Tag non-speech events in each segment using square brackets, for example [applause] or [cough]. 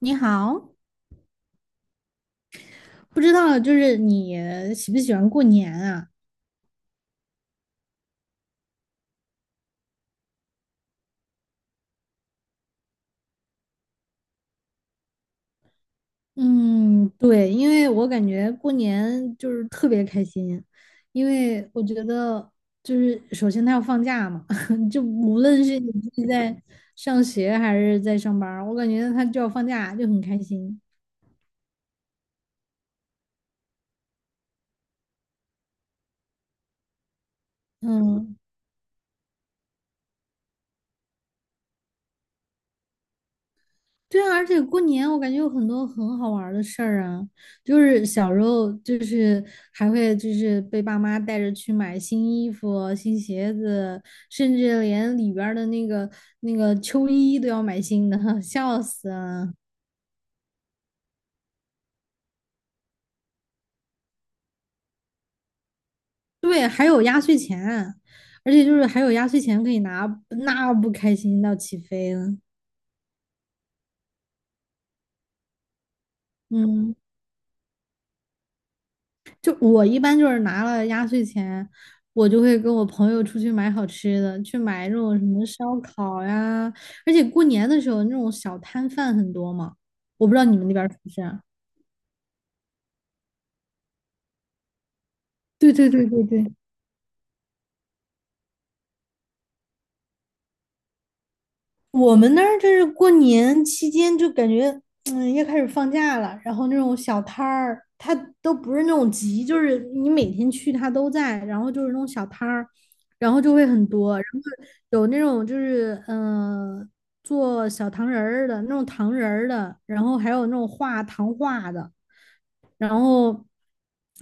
你好，不知道就是你喜不喜欢过年啊？嗯，对，因为我感觉过年就是特别开心，因为我觉得就是首先他要放假嘛，[laughs] 就无论是你是在上学还是在上班儿我感觉他就要放假，就很开心。嗯。对啊，而且过年我感觉有很多很好玩儿的事儿啊，就是小时候就是还会就是被爸妈带着去买新衣服、新鞋子，甚至连里边儿的那个那个秋衣都要买新的，[laughs] 笑死了。对，还有压岁钱啊，而且就是还有压岁钱可以拿，那不开心到起飞了。嗯。就我一般就是拿了压岁钱，我就会跟我朋友出去买好吃的，去买那种什么烧烤呀，而且过年的时候那种小摊贩很多嘛，我不知道你们那边儿是不是啊？对对对对对，我们那儿就是过年期间就感觉，嗯，要开始放假了，然后那种小摊儿，它都不是那种集，就是你每天去它都在，然后就是那种小摊儿，然后就会很多，然后有那种就是做小糖人儿的那种糖人儿的，然后还有那种画糖画的，然后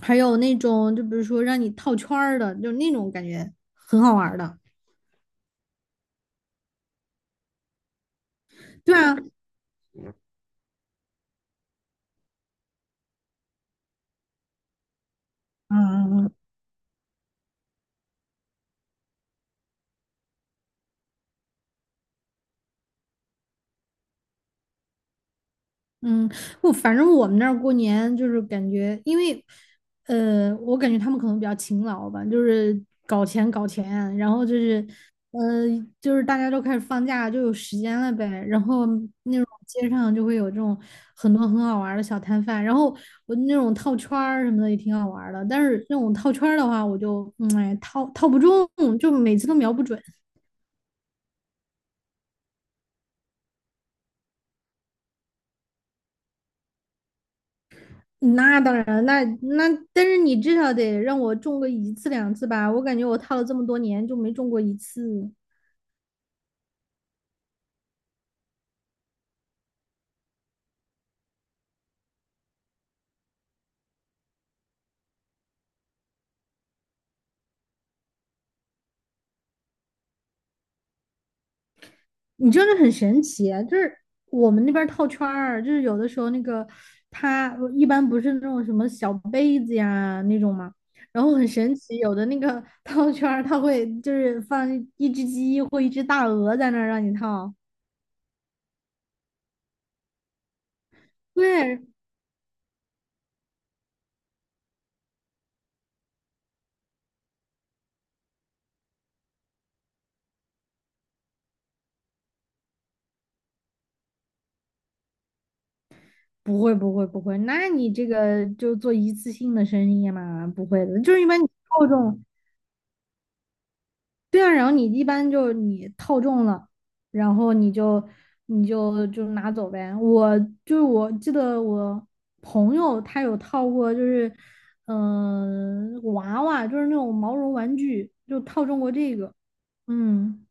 还有那种就比如说让你套圈儿的，就那种感觉很好玩儿的，对啊。嗯，我反正我们那儿过年就是感觉，因为，我感觉他们可能比较勤劳吧，就是搞钱搞钱，然后就是，呃，就是大家都开始放假，就有时间了呗。然后那种街上就会有这种很多很好玩儿的小摊贩，然后我那种套圈儿什么的也挺好玩儿的，但是那种套圈儿的话，我就，嗯，哎，套不中，就每次都瞄不准。那当然，那但是你至少得让我中个一次两次吧，我感觉我套了这么多年就没中过一次。你真的很神奇啊，就是我们那边套圈儿，就是有的时候那个它一般不是那种什么小杯子呀那种嘛，然后很神奇，有的那个 [laughs] 套圈儿它会就是放一只鸡或一只大鹅在那儿让你套。对，不会，那你这个就做一次性的生意嘛，不会的，就是一般你套中。对啊，然后你一般就是你套中了，然后你就你就拿走呗。我就是我记得我朋友他有套过，就是娃娃，就是那种毛绒玩具，就套中过这个。嗯。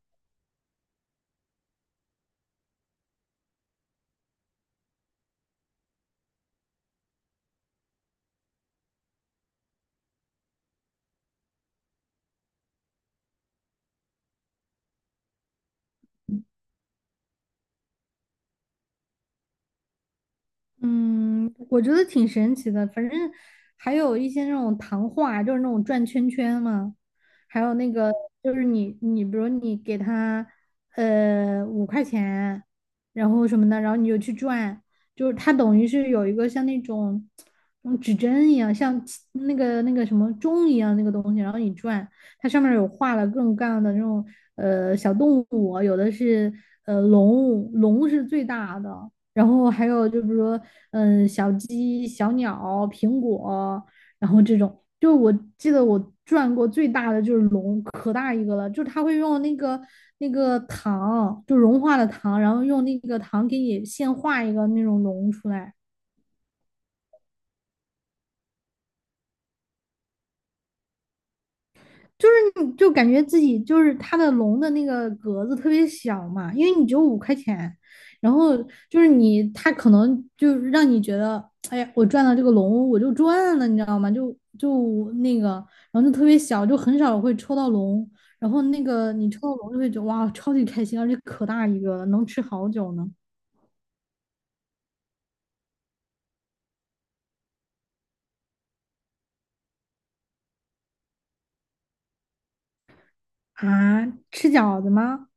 嗯，我觉得挺神奇的。反正还有一些那种糖画，就是那种转圈圈嘛。还有那个，就是你比如你给他五块钱，然后什么的，然后你就去转，就是它等于是有一个像那种指针一样，像起那个那个什么钟一样那个东西，然后你转，它上面有画了各种各样的那种小动物，有的是龙，龙是最大的。然后还有就比如说，嗯，小鸡、小鸟、苹果，然后这种，就是我记得我转过最大的就是龙，可大一个了，就是它会用那个那个糖，就融化的糖，然后用那个糖给你现画一个那种龙出来。就是你就感觉自己就是它的龙的那个格子特别小嘛，因为你只有五块钱，然后就是你它可能就是让你觉得，哎呀，我赚到这个龙我就赚了，你知道吗？就就那个，然后就特别小，就很少会抽到龙，然后那个你抽到龙就会觉得哇，超级开心，而且可大一个了，能吃好久呢。啊，吃饺子吗？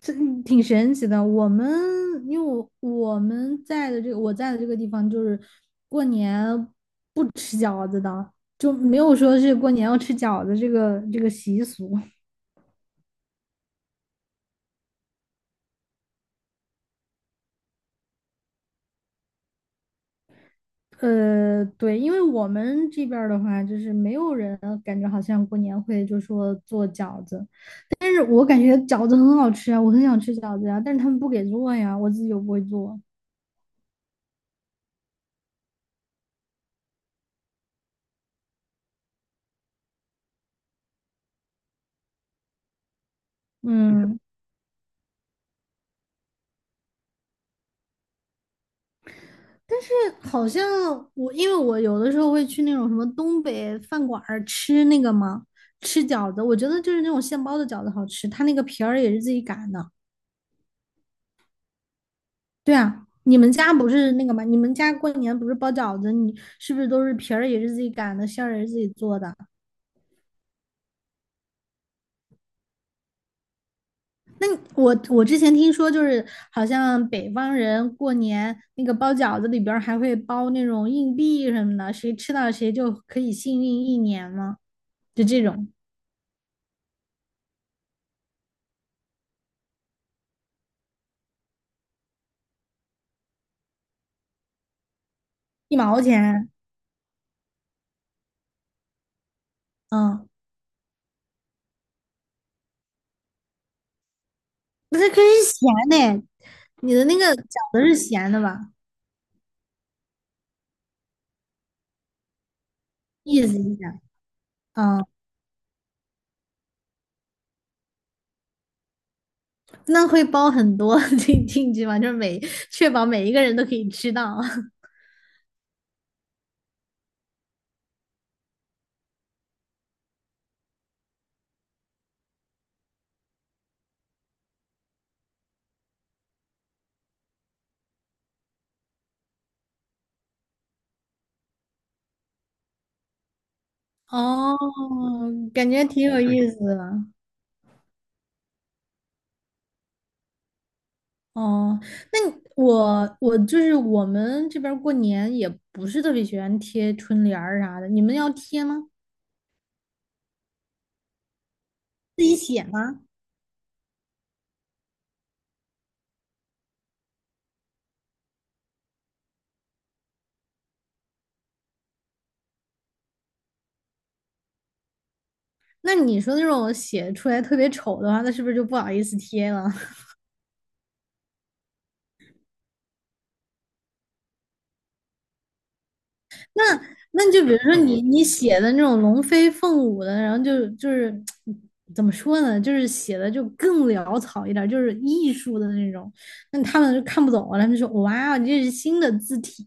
这挺神奇的。我们因为我们在的这个我在的这个地方，就是过年不吃饺子的，就没有说是过年要吃饺子这个这个习俗。对，因为我们这边儿的话，就是没有人感觉好像过年会就说做饺子，但是我感觉饺子很好吃啊，我很想吃饺子呀、但是他们不给做呀，我自己又不会做。嗯，但是好像我，因为我有的时候会去那种什么东北饭馆儿吃那个嘛，吃饺子，我觉得就是那种现包的饺子好吃，它那个皮儿也是自己擀的。对啊，你们家不是那个吗？你们家过年不是包饺子，你是不是都是皮儿也是自己擀的，馅儿也是自己做的？那你我之前听说，就是好像北方人过年那个包饺子里边儿还会包那种硬币什么的，谁吃到谁就可以幸运一年嘛，就这种一毛钱，嗯。那它可是咸的，你的那个饺子是咸的吧？意思一下，嗯，那会包很多 [laughs] 进去吗？就是每确保每一个人都可以吃到。[laughs] 哦，感觉挺有意思的。哦，那你我就是我们这边儿过年也不是特别喜欢贴春联儿啥的，你们要贴吗？自己写吗？那你说那种写出来特别丑的话，那是不是就不好意思贴了？那那就比如说你写的那种龙飞凤舞的，然后就是怎么说呢，就是写的就更潦草一点就是艺术的那种，那他们就看不懂了，他们就说哇哦，你这是新的字体。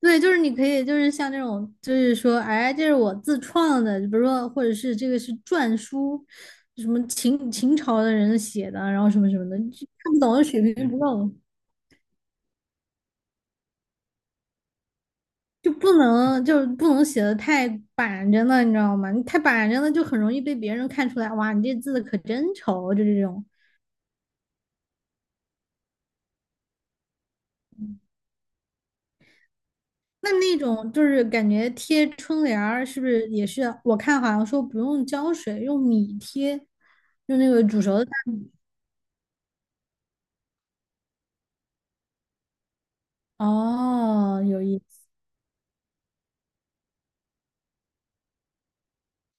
对，就是你可以，就是像那种，就是说，哎，这是我自创的，比如说，或者是这个是篆书，什么秦朝的人写的，然后什么什么的，就看不懂，水平不够。就不能就是不能写的太板着了，你知道吗？你太板着了就很容易被别人看出来，哇，你这字可真丑，就这种。那那种就是感觉贴春联儿，是不是也是？我看好像说不用胶水，用米贴，用那个煮熟的大米。哦，有意思，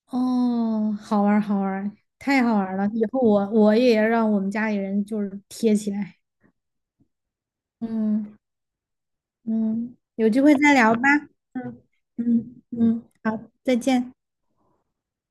哦，好玩儿，好玩儿，太好玩儿了！以后我也让我们家里人就是贴起来。嗯。嗯，有机会再聊吧。嗯嗯，好，再见。